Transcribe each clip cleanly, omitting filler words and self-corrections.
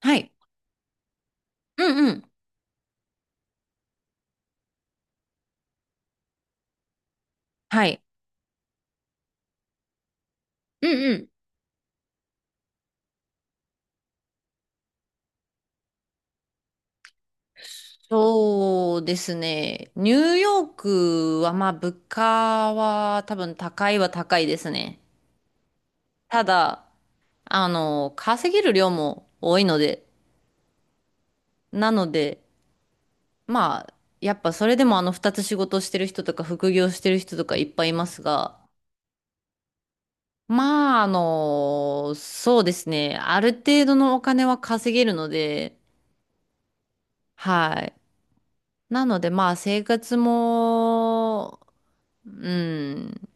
はい。うんうん。はい。うんうん。そうですね。ニューヨークは、まあ、物価は多分高いは高いですね。ただ、稼げる量も多いので、なので、まあ、やっぱそれでも二つ仕事してる人とか副業してる人とかいっぱいいますが、まあ、そうですね。ある程度のお金は稼げるので、はい。なので、まあ、生活も、うん。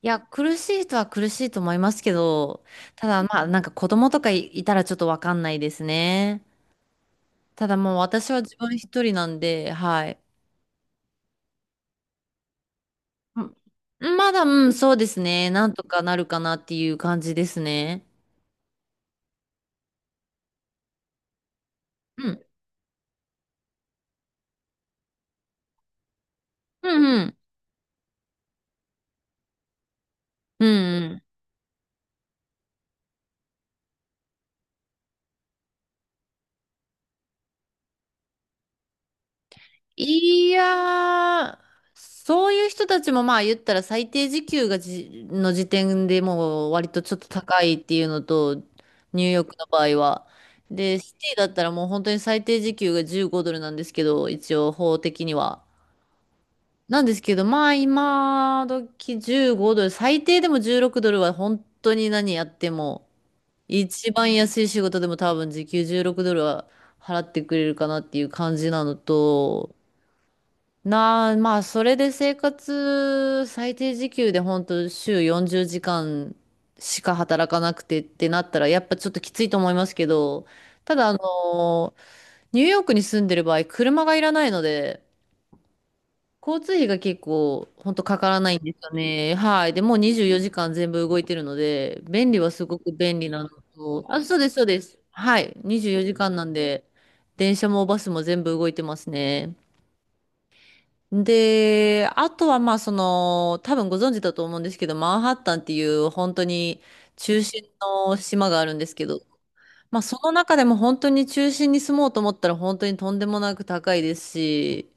いや、苦しい人は苦しいと思いますけど、ただまあ、なんか子供とかいたらちょっとわかんないですね。ただもう私は自分一人なんで、はい。うん、まだ、うん、そうですね。なんとかなるかなっていう感じですね。うん。うんうん。うん、いやー、そういう人たちもまあ言ったら最低時給がの時点でもう割とちょっと高いっていうのと、ニューヨークの場合は。で、シティだったらもう本当に最低時給が15ドルなんですけど、一応法的には。なんですけど、まあ今時15ドル、最低でも16ドルは本当に何やっても、一番安い仕事でも多分時給16ドルは払ってくれるかなっていう感じなのと、まあ、それで生活、最低時給で本当週40時間しか働かなくてってなったら、やっぱちょっときついと思いますけど、ただ、ニューヨークに住んでる場合、車がいらないので、交通費が結構、本当かからないんですよね。はい。で、もう24時間全部動いてるので、便利はすごく便利なのと、あ、そうです、そうです。はい。24時間なんで、電車もバスも全部動いてますね。で、あとはまあその、多分ご存知だと思うんですけど、マンハッタンっていう本当に中心の島があるんですけど、まあその中でも本当に中心に住もうと思ったら本当にとんでもなく高いですし、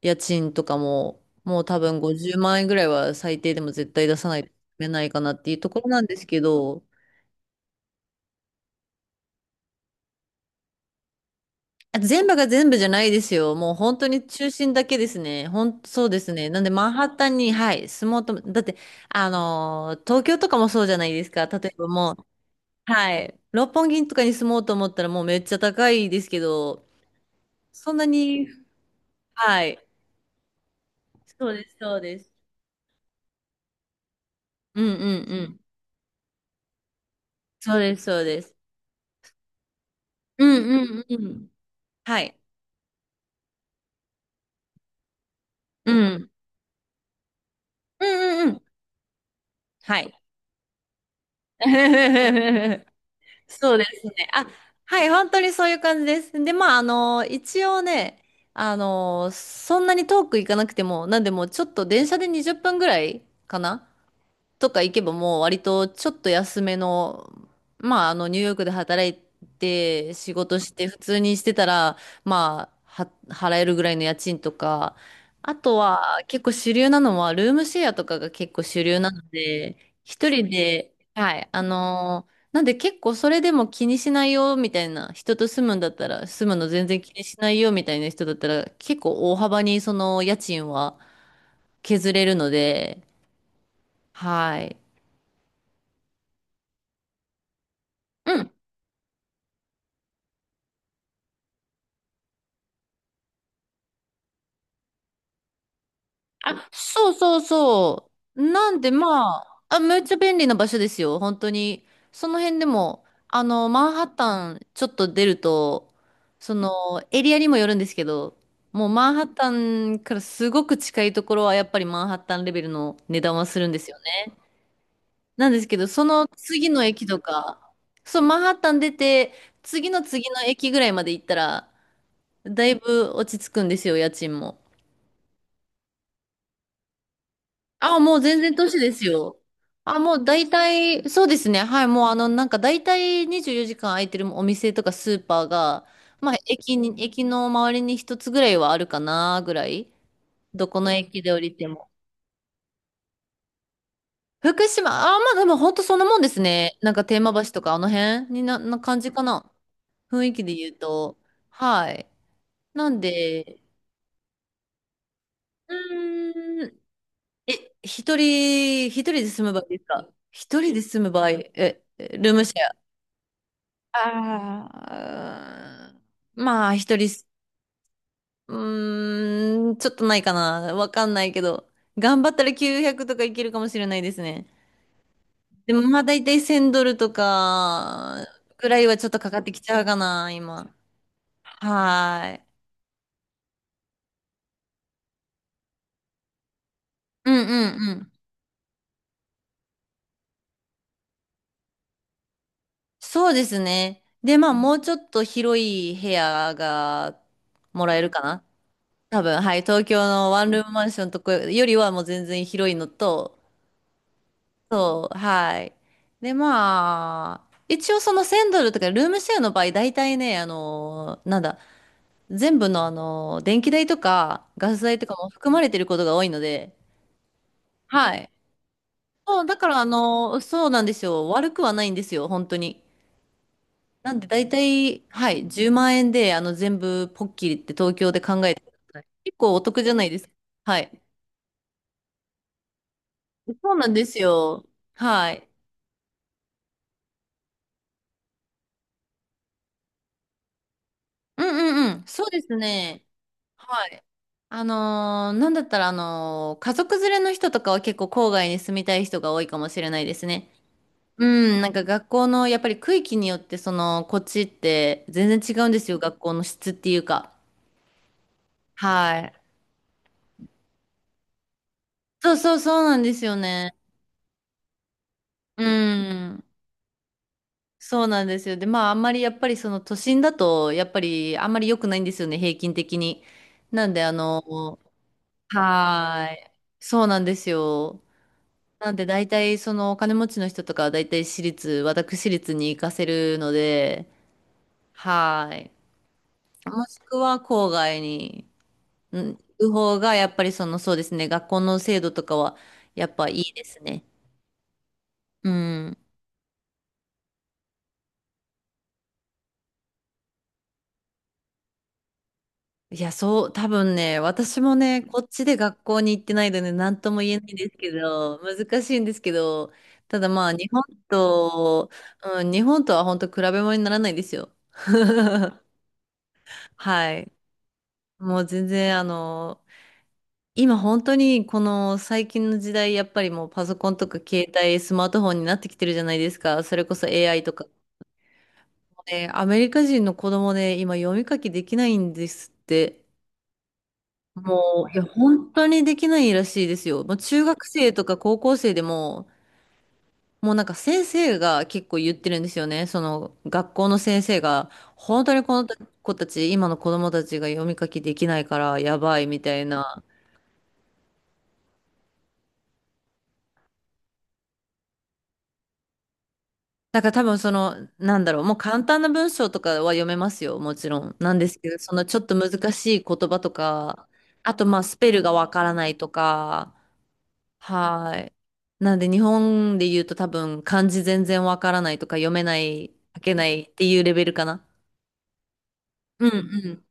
家賃とかももう多分50万円ぐらいは最低でも絶対出さないとめないかなっていうところなんですけど、あ、全部が全部じゃないですよ。もう本当に中心だけですね。そうですね。なんでマンハッタンに、はい、住もうとだって、東京とかもそうじゃないですか。例えばもう、はい、六本木とかに住もうと思ったらもうめっちゃ高いですけど、そんなに、はい、そうです、そうです。うんうんうん。そうです、そうです。うんうんうん。はい。うん。うんうんうん。はい。そうですね。あ、はい、本当にそういう感じです。で、まあ、一応ね、そんなに遠く行かなくても、なんでもうちょっと電車で20分ぐらいかなとか行けばもう割とちょっと安めの、まあニューヨークで働いて仕事して普通にしてたら、まあは払えるぐらいの家賃とか、あとは結構主流なのはルームシェアとかが結構主流なので、一人で、はい、なんで結構それでも気にしないよみたいな人と住むんだったら、住むの全然気にしないよみたいな人だったら結構大幅にその家賃は削れるので、はい。うん、そうそうそう。なんでまあ、あ、めっちゃ便利な場所ですよ、本当に。その辺でも、マンハッタンちょっと出ると、その、エリアにもよるんですけど、もうマンハッタンからすごく近いところはやっぱりマンハッタンレベルの値段はするんですよね。なんですけど、その次の駅とか、そう、マンハッタン出て、次の次の駅ぐらいまで行ったら、だいぶ落ち着くんですよ、家賃も。あ、もう全然年ですよ。あ、もう大体、そうですね。はい、もうなんか大体24時間空いてるお店とかスーパーが、まあ、駅の周りに一つぐらいはあるかな、ぐらい。どこの駅で降りても。福島、あ、まあでも本当そんなもんですね。なんか天満橋とかあの辺にな感じかな。雰囲気で言うと。はい。なんで、うーん、え、一人で住む場合ですか？一人で住む場合、え、ルームシェア、ああ、まあ、一人す、うーん、ちょっとないかな。わかんないけど。頑張ったら900とかいけるかもしれないですね。でも、まあ、だいたい1000ドルとか、くらいはちょっとかかってきちゃうかな、今。はーい。うんうんうん。そうですね。で、まあ、もうちょっと広い部屋がもらえるかな。多分、はい。東京のワンルームマンションとかよりはもう全然広いのと、そう、はい。で、まあ、一応その1000ドルとかルームシェアの場合、大体ね、あの、なんだ、全部の電気代とかガス代とかも含まれてることが多いので、はい。そう、だからそうなんですよ。悪くはないんですよ、本当に。なんで大体、はい、10万円で全部ポッキリって東京で考えてください。結構お得じゃないですか。はい。そうなんですよ。はい。うんうんうん。そうですね。はい。なんだったら、家族連れの人とかは結構郊外に住みたい人が多いかもしれないですね。うん、なんか学校の、やっぱり区域によって、その、こっちって全然違うんですよ、学校の質っていうか。はい。そうそうそうなんですよね。うん。そうなんですよ。で、まあ、あんまりやっぱりその都心だと、やっぱりあんまり良くないんですよね、平均的に。なんで、はーい。そうなんですよ。なんで大体そのお金持ちの人とかは大体私立に行かせるので、はい。もしくは郊外にん行く方がやっぱりそのそうですね、学校の制度とかはやっぱいいですね。うん。いや、そう、多分ね、私もね、こっちで学校に行ってないので何とも言えないんですけど、難しいんですけど、ただまあ日本と、うん、日本とは本当比べ物にならないですよ。はい。もう全然今本当にこの最近の時代、やっぱりもうパソコンとか携帯、スマートフォンになってきてるじゃないですか。それこそ AI とか。ね、アメリカ人の子供で今読み書きできないんですって。もう、いや、本当にできないらしいですよ。もう中学生とか高校生でも、もうなんか先生が結構言ってるんですよね。その学校の先生が、本当にこの子たち、今の子供たちが読み書きできないからやばいみたいな。だから多分その、なんだろう、もう簡単な文章とかは読めますよ、もちろん。なんですけど、そのちょっと難しい言葉とか、あとまあスペルがわからないとか、はい。なんで日本で言うと多分漢字全然わからないとか読めない、書けないっていうレベルかな。うん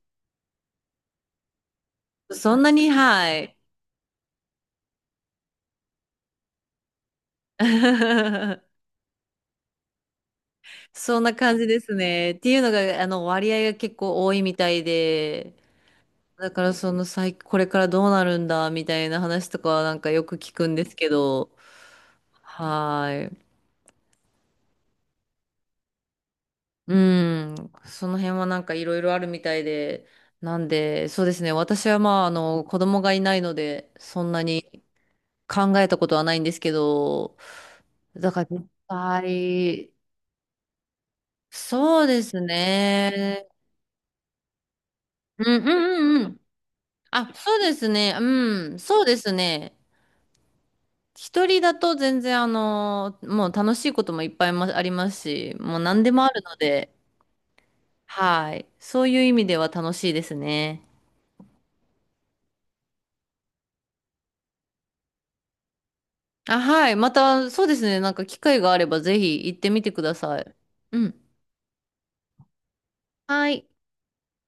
うん。そんなに、はい。そんな感じですね。っていうのが、割合が結構多いみたいで、だからそのこれからどうなるんだみたいな話とかはなんかよく聞くんですけど、はーい。うん。その辺はなんかいろいろあるみたいで、なんで、そうですね。私はまあ、子供がいないので、そんなに考えたことはないんですけど、だから実際、そうですね。うんうんうんうん。あ、そうですね。うん。そうですね。一人だと全然もう楽しいこともいっぱいもありますし、もう何でもあるので、はい。そういう意味では楽しいですね。あ、はい。また、そうですね。なんか機会があればぜひ行ってみてください。うん。はい。